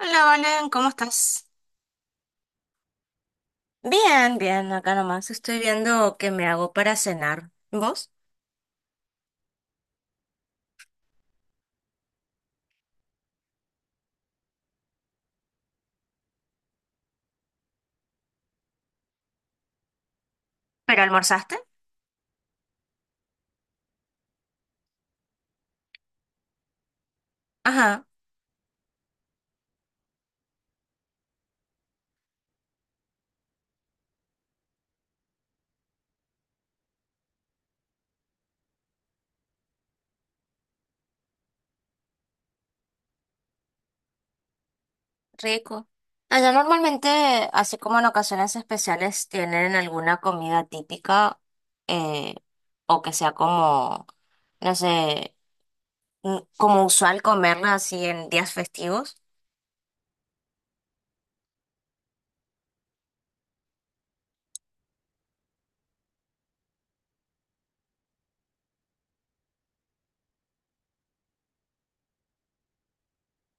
Hola, Valen, ¿cómo estás? Bien, bien, acá nomás. Estoy viendo qué me hago para cenar. ¿Vos? ¿Pero almorzaste? Ajá, rico. Allá normalmente, así como en ocasiones especiales, tienen alguna comida típica eh, o que sea como, no sé, como usual comerla así en días festivos.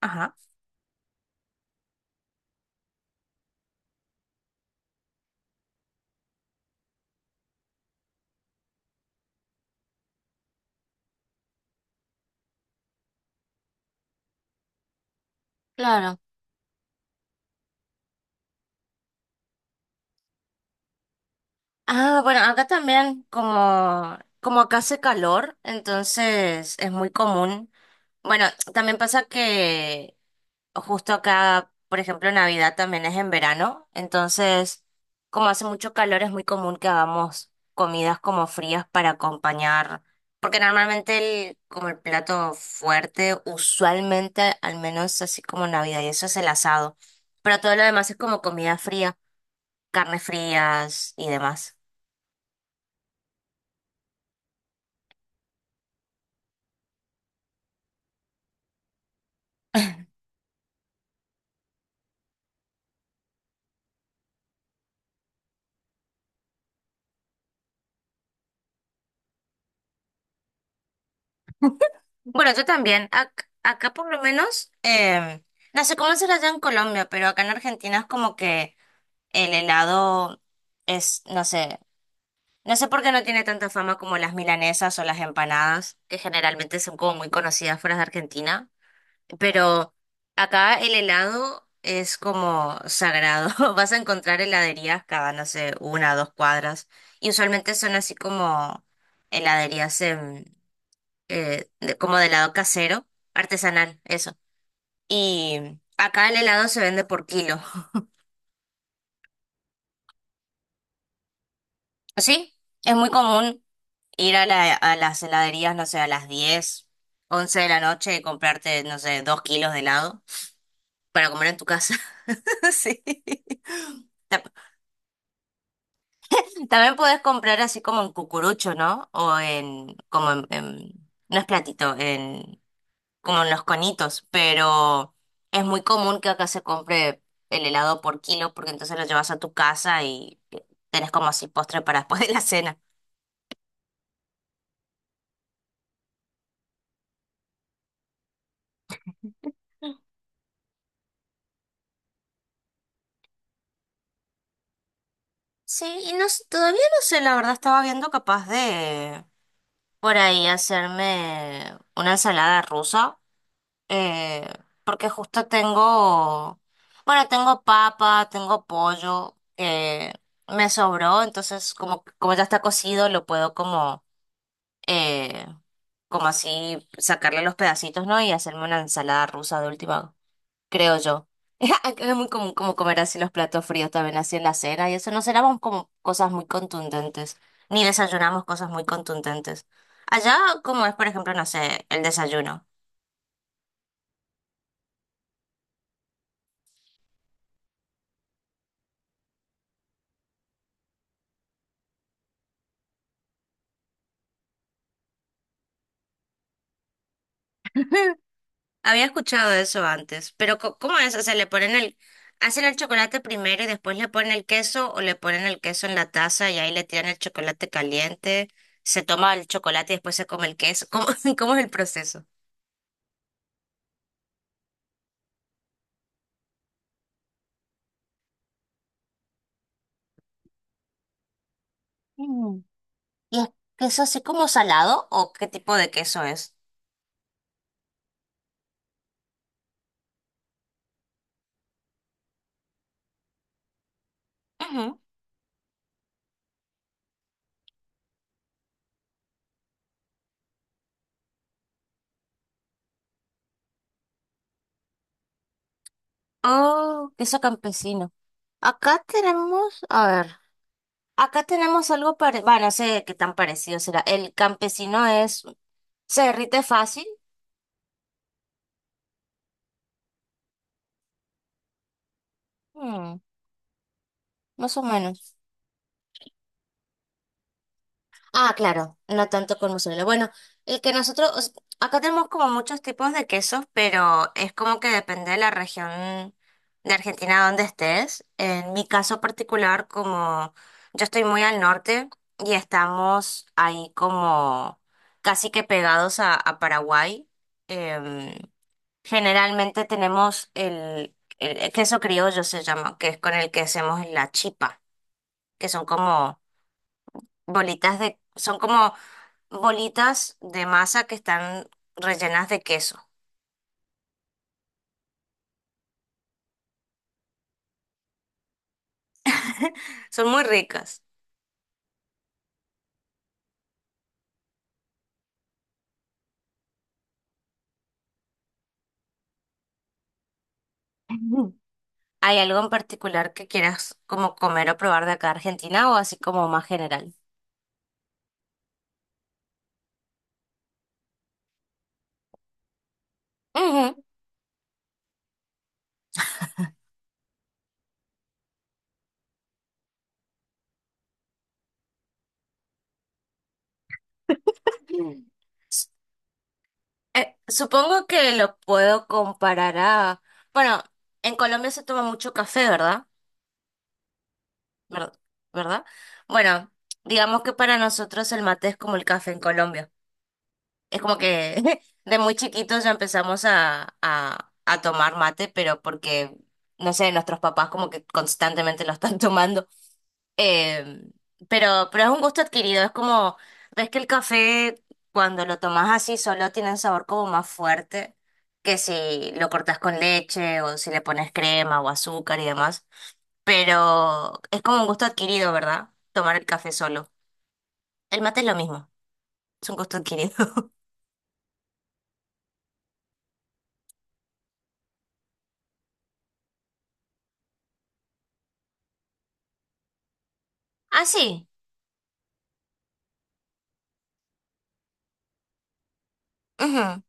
Ajá. Claro. Ah, bueno, acá también como, como acá hace calor, entonces es muy común. Bueno, también pasa que justo acá, por ejemplo, Navidad también es en verano, entonces como hace mucho calor es muy común que hagamos comidas como frías para acompañar, porque normalmente el, como el plato fuerte, usualmente al menos así como Navidad y eso es el asado, pero todo lo demás es como comida fría, carnes frías y demás. Bueno, yo también, acá por lo menos, no sé cómo será allá en Colombia, pero acá en Argentina es como que... El helado es, no sé, no sé por qué no tiene tanta fama como las milanesas o las empanadas, que generalmente son como muy conocidas fuera de Argentina, pero acá el helado es como sagrado. Vas a encontrar heladerías cada, no sé, una o dos cuadras, y usualmente son así como heladerías en, como de helado casero, artesanal, eso. Y acá el helado se vende por kilo. Sí, es muy común. Ir a la, a las heladerías, no sé, a las 10 11 de la noche y comprarte, no sé, 2 kilos de helado para comer en tu casa. Sí. Ta- También podés comprar así como en cucurucho, ¿no? O en, como en, no es platito, en, como en los conitos, pero es muy común que acá se compre el helado por kilo porque entonces lo llevas a tu casa y tenés como así postre para después de la cena. Sí, y no, todavía no sé, la verdad estaba viendo capaz de... por ahí hacerme una ensalada rusa, eh, que justo tengo, bueno, tengo papa, tengo pollo, que me sobró, entonces como, como ya está cocido, lo puedo como, eh, como así sacarle los pedacitos, ¿no? Y hacerme una ensalada rusa de última creo yo. Acá es muy común como comer así los platos fríos también así en la cena y eso no cenamos como cosas muy contundentes, ni desayunamos cosas muy contundentes. Allá, como es, por ejemplo, no sé, el desayuno. Había escuchado eso antes, pero ¿cómo es? O sea, le ponen el, hacen el chocolate primero y después le ponen el queso o le ponen el queso en la taza y ahí le tiran el chocolate caliente, se toma el chocolate y después se come el queso. ¿Cómo, cómo es el proceso? ¿Y es queso así como salado o qué tipo de queso es? Ujú. Oh, queso campesino. Acá tenemos, a ver, acá tenemos algo parecido, bueno, no sé qué tan parecido será. El campesino es, se derrite fácil, Mm, más o menos. Ah, claro, no tanto con mozzarella. Bueno, el que nosotros, o sea, acá tenemos como muchos tipos de quesos, pero es como que depende de la región de Argentina donde estés. En mi caso particular, como yo estoy muy al norte y estamos ahí como casi que pegados a Paraguay, em, generalmente tenemos el queso criollo se llama, que es con el que hacemos la chipa, que son como bolitas de, son como bolitas de masa que están rellenas de queso. Son muy ricas. Ujú. ¿Hay algo en particular que quieras como comer o probar de acá de Argentina o así como más general? Ujú. Mm. Supongo que lo puedo comparar a... Bueno, en Colombia se toma mucho café, ¿verdad? ¿Ver- ¿Verdad? Bueno, digamos que para nosotros el mate es como el café en Colombia. Es como que de muy chiquitos ya empezamos a tomar mate, pero porque, no sé, nuestros papás como que constantemente lo están tomando. Eh, pero es un gusto adquirido, es como, ves que el café cuando lo tomas así solo tiene un sabor como más fuerte que si lo cortas con leche o si le pones crema o azúcar y demás. Pero es como un gusto adquirido, ¿verdad? Tomar el café solo. El mate es lo mismo, es un gusto adquirido. Ah, sí. Ujú,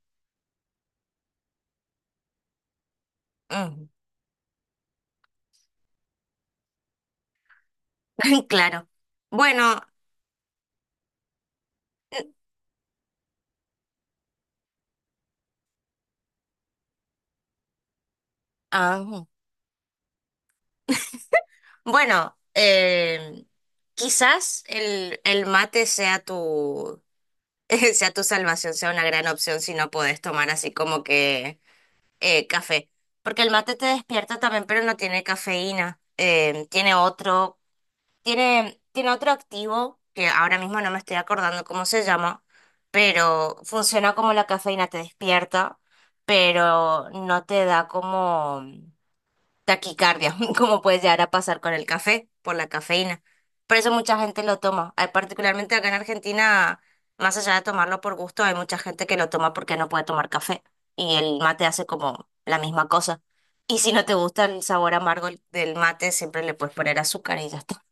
ujú. Claro. Bueno, n- ah, mm, bueno, quizás el mate sea tu, sea tu salvación, sea una gran opción si no podés tomar así como que café. Porque el mate te despierta también, pero no tiene cafeína. Tiene otro, tiene, tiene otro activo que ahora mismo no me estoy acordando cómo se llama, pero funciona como la cafeína, te despierta, pero no te da como. Taquicardia, como puede llegar a pasar con el café, por la cafeína. Por eso mucha gente lo toma. Hay particularmente acá en Argentina, más allá de tomarlo por gusto, hay mucha gente que lo toma porque no puede tomar café. Y el mate hace como la misma cosa. Y si no te gusta el sabor amargo del mate, siempre le puedes poner azúcar y ya está.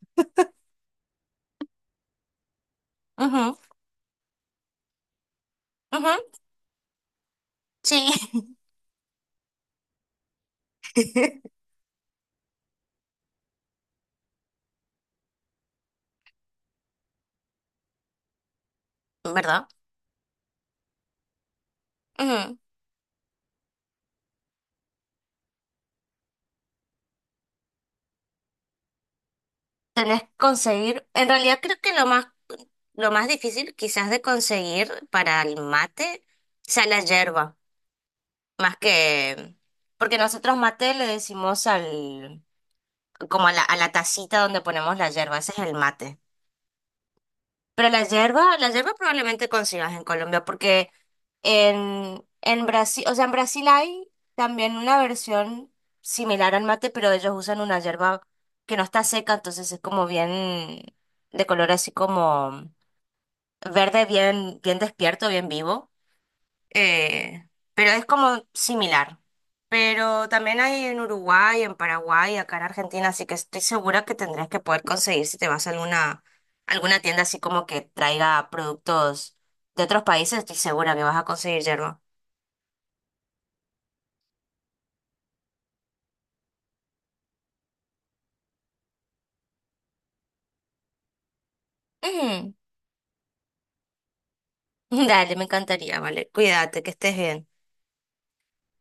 Ujú, ujú, sí, ¿verdad? Ujú. Tenés que conseguir, en realidad creo que lo más difícil quizás de conseguir para el mate sea la yerba. Más que, porque nosotros mate le decimos al, como a la tacita donde ponemos la yerba, ese es el mate. Pero la yerba probablemente consigas en Colombia, porque en Brasil, o sea, en Brasil hay también una versión similar al mate, pero ellos usan una yerba que no está seca, entonces es como bien, de color así como verde, bien, bien despierto, bien vivo. eh, pero es como similar. Pero también hay en Uruguay, en Paraguay, acá en Argentina, así que estoy segura que tendrás que poder conseguir si te vas a alguna, alguna tienda así como que traiga productos de otros países, estoy segura que vas a conseguir yerba. Ujú. Dale, me encantaría, vale. Cuídate, que estés bien.